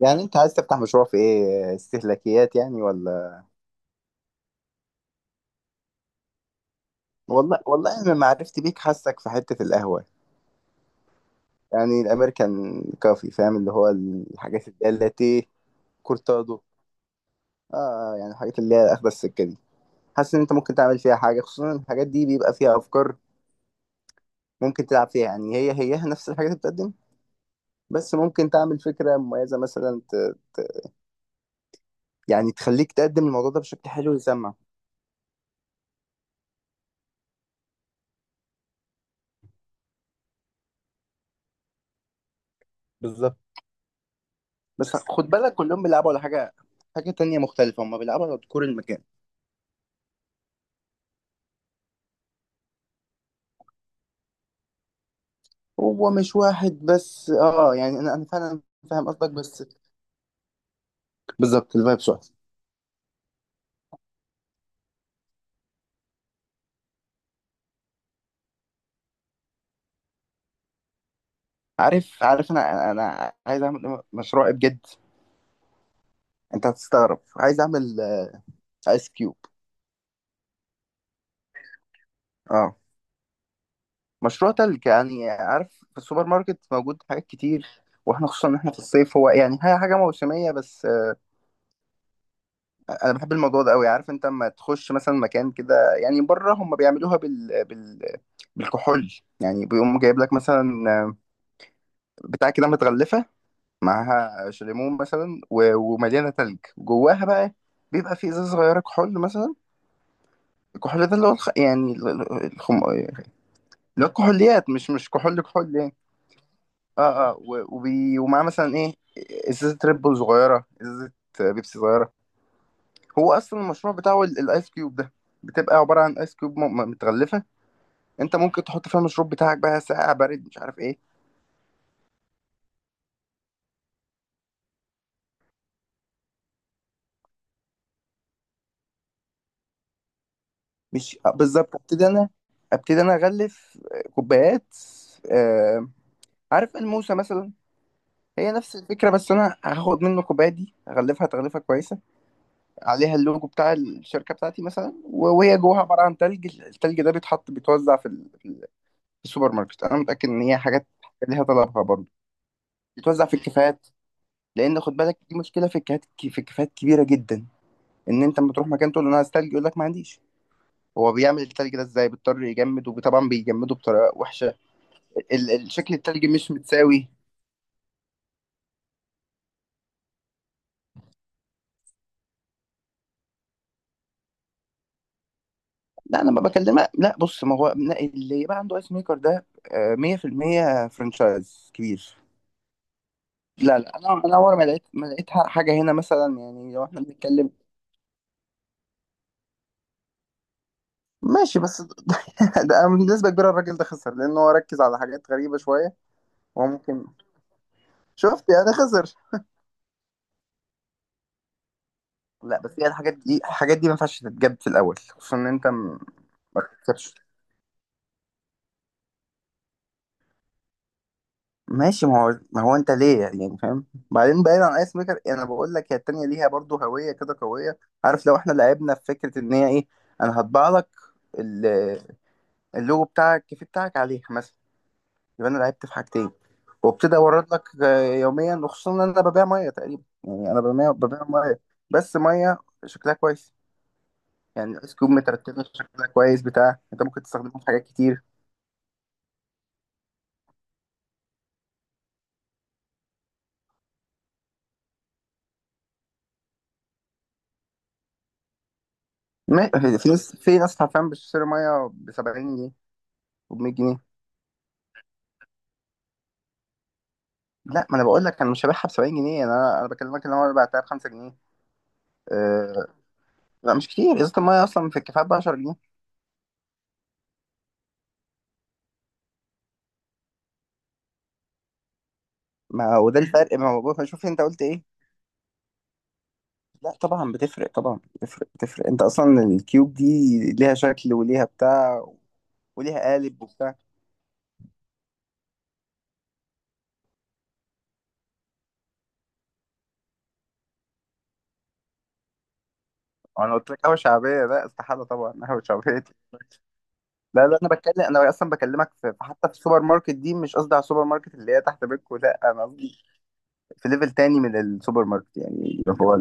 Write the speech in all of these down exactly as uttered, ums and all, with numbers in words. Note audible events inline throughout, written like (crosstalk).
يعني انت عايز تفتح مشروع في ايه، استهلاكيات يعني ولا؟ والله والله انا ما عرفت بيك، حاسك في حتة القهوة. يعني الامريكان كافي، فاهم اللي هو الحاجات اللي هي اللاتيه، كورتادو. اه، يعني الحاجات اللي هي اخدة السكة دي. حاسس ان انت ممكن تعمل فيها حاجة، خصوصا ان الحاجات دي بيبقى فيها افكار ممكن تلعب فيها. يعني هي هيها نفس الحاجات اللي بتقدم، بس ممكن تعمل فكرة مميزة، مثلا ت... يعني تخليك تقدم الموضوع ده بشكل حلو ويسمع. بالظبط. بس خد بالك كلهم بيلعبوا على حاجة، حاجة تانية مختلفة. هم بيلعبوا على ديكور المكان. هو مش واحد بس، اه يعني انا انا فعلا فاهم قصدك، بس بالظبط الفايبس واحد. عارف عارف، انا انا عايز اعمل مشروع إيه بجد. انت هتستغرب، عايز اعمل ايس كيوب. اه، مشروع تلج. يعني عارف في السوبر ماركت موجود حاجات كتير، واحنا خصوصا ان احنا في الصيف. هو يعني هي حاجه موسميه، بس آه، انا بحب الموضوع ده قوي. عارف انت لما تخش مثلا مكان كده، يعني بره هم بيعملوها بال... بال... بالكحول. يعني بيقوم جايب لك مثلا، آه، بتاع كده متغلفه، معاها شليمون مثلا و- ومليانه تلج جواها بقى. بيبقى في ازازه صغيره كحول مثلا، الكحول ده اللي هو الخ... يعني ال- ال- الخم... اللي هو الكحوليات. مش مش كحول كحول يعني. اه اه، و- وبي... ومعاه مثلا ايه، ازازه ريد بول صغيره، ازازه بيبسي صغيره. هو اصلا المشروع بتاعه ال- الايس كيوب ده، بتبقى عباره عن ايس كيوب م- م- متغلفه، انت ممكن تحط فيها المشروب بتاعك بقى ساقع بارد مش عارف ايه. مش آه، بالظبط. ابتدي انا، ابتدي انا اغلف كوبايات. آه، عارف الموسى مثلا، هي نفس الفكرة. بس أنا هاخد منه كوباية دي أغلفها تغليفة كويسة، عليها اللوجو بتاع الشركة بتاعتي مثلا، و- وهي جواها عبارة عن تلج. التلج ده بيتحط، بيتوزع في ال- في ال- في السوبر ماركت. أنا متأكد إن هي حاجات ليها طلبها برضه. بيتوزع في الكافيهات، لأن خد بالك دي مشكلة في الكافيهات. في الكافيهات كبيرة جدا، إن أنت لما تروح مكان تقول له أنا عايز تلج يقول لك ما عنديش. هو بيعمل التلج ده إزاي؟ بيضطر يجمد، وطبعا بيجمده بطريقة وحشة. ال- ال- شكل التلج مش متساوي. لا انا ما بكلمك. لا بص، ما هو لا، اللي يبقى عنده ايس ميكر ده آه، مية في المية فرانشايز كبير. لا لا، انا انا اول ما لقيت ما لقيت حاجه هنا مثلا، يعني لو احنا بنتكلم. ماشي، بس (laughs) ده، ده بنسبه كبيره الراجل ده خسر، لان هو ركز على حاجات غريبه شويه. هو ممكن، شفت يعني خسر. لا بس هي الحاجات دي الحاجات دي ما ينفعش تتجاب في الاول، خصوصا ان انت م- ما بتكسبش. ماشي. ما هو ما هو انت ليه يعني فاهم؟ بعدين بعيد عن ايس ميكر، انا بقول لك هي التانية ليها برضو هوية كده قوية. عارف لو احنا لعبنا في فكرة ان هي ايه، انا هطبع لك ال- اللوجو بتاعك، الكيف بتاعك عليها مثلا. يبقى انا لعبت في حاجتين. وابتدي اورد لك آه، يوميا، وخصوصا ان انا ببيع مية تقريبا. يعني انا ببيع ببيع مية. بس مية شكلها كويس. يعني الايس كوب مترتبة شكلها كويس بتاع، انت ممكن تستخدمه في حاجات كتير. ما- في ناس في ناس حرفيا بتشتري مية ب سبعين جنيه وب مية جنيه. لا، ما انا بقول لك انا مش هبيعها ب سبعين جنيه. انا انا بكلمك ان انا بعتها ب خمسة جنيه. أه. لا مش كتير، ازازه الميه اصلا في الكفايه ب عشرة جنيه. ما وده الفرق. ما هو بقول- شوف انت قلت ايه. لا طبعا بتفرق، طبعا بتفرق، بتفرق انت اصلا الكيوب دي ليها شكل وليها بتاع، وليها قالب وبتاع. انا قلت لك قهوه شعبيه؟ لا استحاله طبعا قهوه شعبيه. لا لا، انا بتكلم، انا اصلا بكلمك في في- حتى في السوبر ماركت دي. مش قصدي على السوبر ماركت اللي هي تحت بيتكو، لا انا قصدي في ليفل تاني من السوبر ماركت يعني، اللي هو…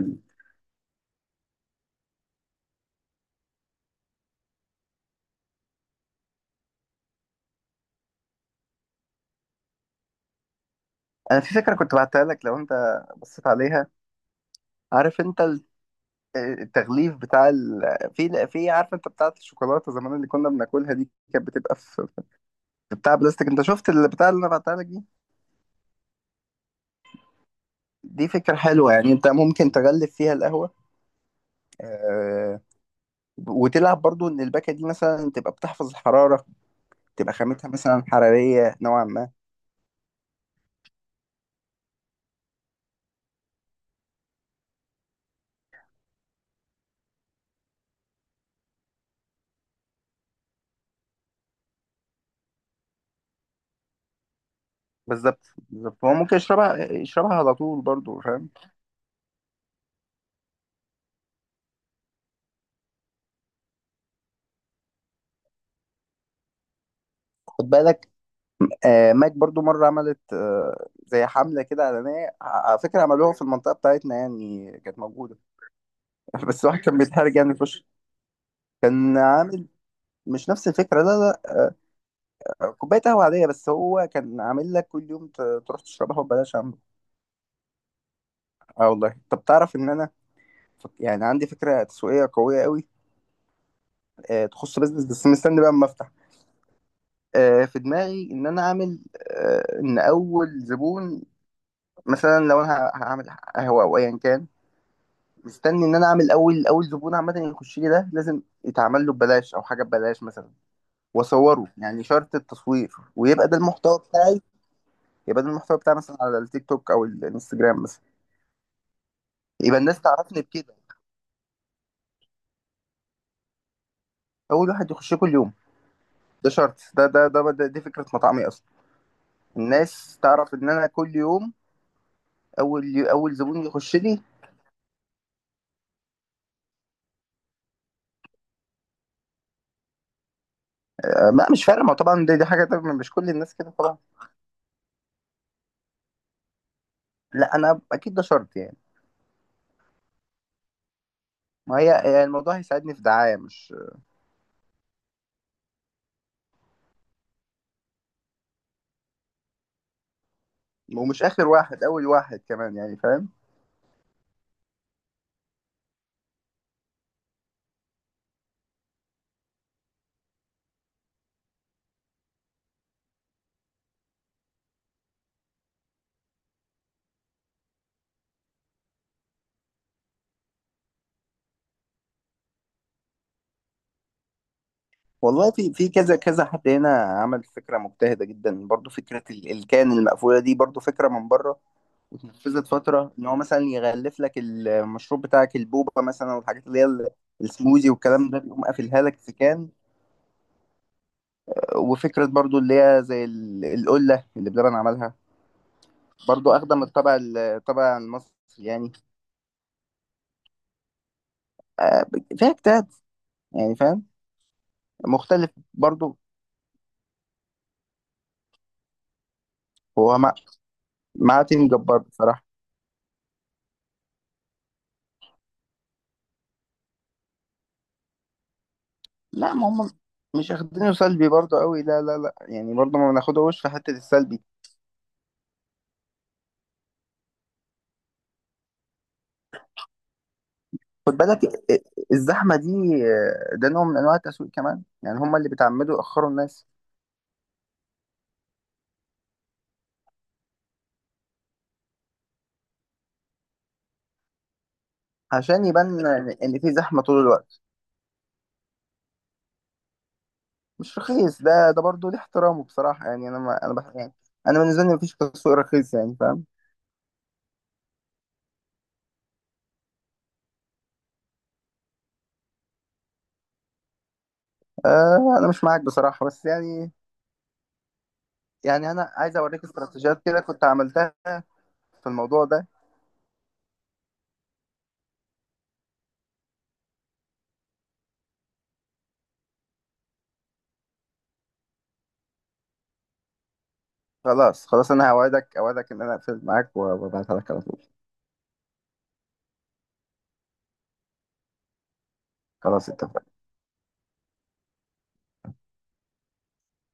انا في فكره كنت بعتها لك، لو انت بصيت عليها. عارف انت ال- التغليف بتاع ال... في في، عارف انت بتاعه الشوكولاته زمان اللي كنا بناكلها دي؟ كانت بتبقى في في بتاع بلاستيك. انت شفت البتاع اللي انا بعتها لك دي، دي فكره حلوه. يعني انت ممكن تغلف فيها القهوه، آه... وتلعب برضو ان الباكه دي مثلا تبقى بتحفظ الحراره، تبقى خامتها مثلا حراريه نوعا ما. بالظبط بالظبط، هو ممكن يشربها يشربها على طول برضو فاهم. خد بالك آه، ماك برضو مرة عملت، آه، زي حملة كده إعلانية، ع- على فكرة عملوها في المنطقة بتاعتنا، يعني كانت موجودة. (laughs) بس واحد كان بيتحرج يعني في وشه. كان عامل… مش نفس الفكرة لا. لا، كوباية قهوة عادية، بس هو كان عامل لك كل يوم ت- تروح تشربها وببلاش عم. اه والله. طب تعرف إن أنا فك- يعني عندي فكرة تسويقية قوية قوي، آه، تخص بيزنس، بس مستني بقى أما أفتح. آه، في دماغي إن أنا أعمل، آه، إن أول زبون، مثلا لو أنا ه- هعمل قهوة أو أيا كان، مستني ان انا اعمل اول اول زبون عامه يخش لي ده لازم يتعمل له ببلاش، او حاجه ببلاش مثلا، واصوره يعني شرط التصوير، ويبقى ده المحتوى بتاعي. يبقى ده المحتوى بتاعي مثلا على التيك توك او الانستجرام مثلا. يبقى الناس تعرفني بكده، اول واحد يخش كل يوم. ده شرط، ده ده ده, ده دي فكره مطعمي اصلا. الناس تعرف ان انا كل يوم اول اول زبون يخش لي. آه، ما مش فارق. ما طبعا دي, دي حاجه، ده مش كل الناس كده طبعا. لا انا اكيد ده شرط يعني. ما هي هي الموضوع هيساعدني في دعايه، مش، ومش اخر واحد، اول واحد كمان يعني فاهم. والله في في كذا كذا حد هنا عمل فكره مجتهده جدا. برضو فكره ال- الكان المقفوله دي برضو فكره من بره، واتنفذت فتره، ان هو مثلا يغلف لك المشروب بتاعك، البوبا مثلا، والحاجات اللي هي ال- السموزي والكلام ده، بيقوم قافلها لك في كان. وفكره برضو اللي هي زي ال- القله اللي بلبن عملها، برضو اخدة من الطابع ال- الطابع المصري يعني. آه، فيها اجتهاد يعني فاهم، مختلف برضو. هو مع، مع تيم جبار بصراحه. لا ما هم مش اخدينه سلبي برضه قوي. لا لا لا، يعني برضه ما بناخدهوش في حتة السلبي. خد بالك ال- الزحمة دي آه، ده نوع من انواع التسويق كمان. يعني هم اللي بيتعمدوا يأخروا الناس عشان يبان ان إن في زحمة طول الوقت. مش رخيص. ده ده برضه ليه احترامه بصراحة. يعني انا ما انا بح يعني انا بالنسبة لي مفيش تسويق رخيص، يعني فاهم. آه، انا مش معاك بصراحة بس يعني، يعني انا عايز اوريك استراتيجيات كده كنت عملتها في الموضوع ده. خلاص خلاص، انا هوعدك، اوعدك ان انا اقفل معاك وابعتها لك على طول. خلاص اتفقنا.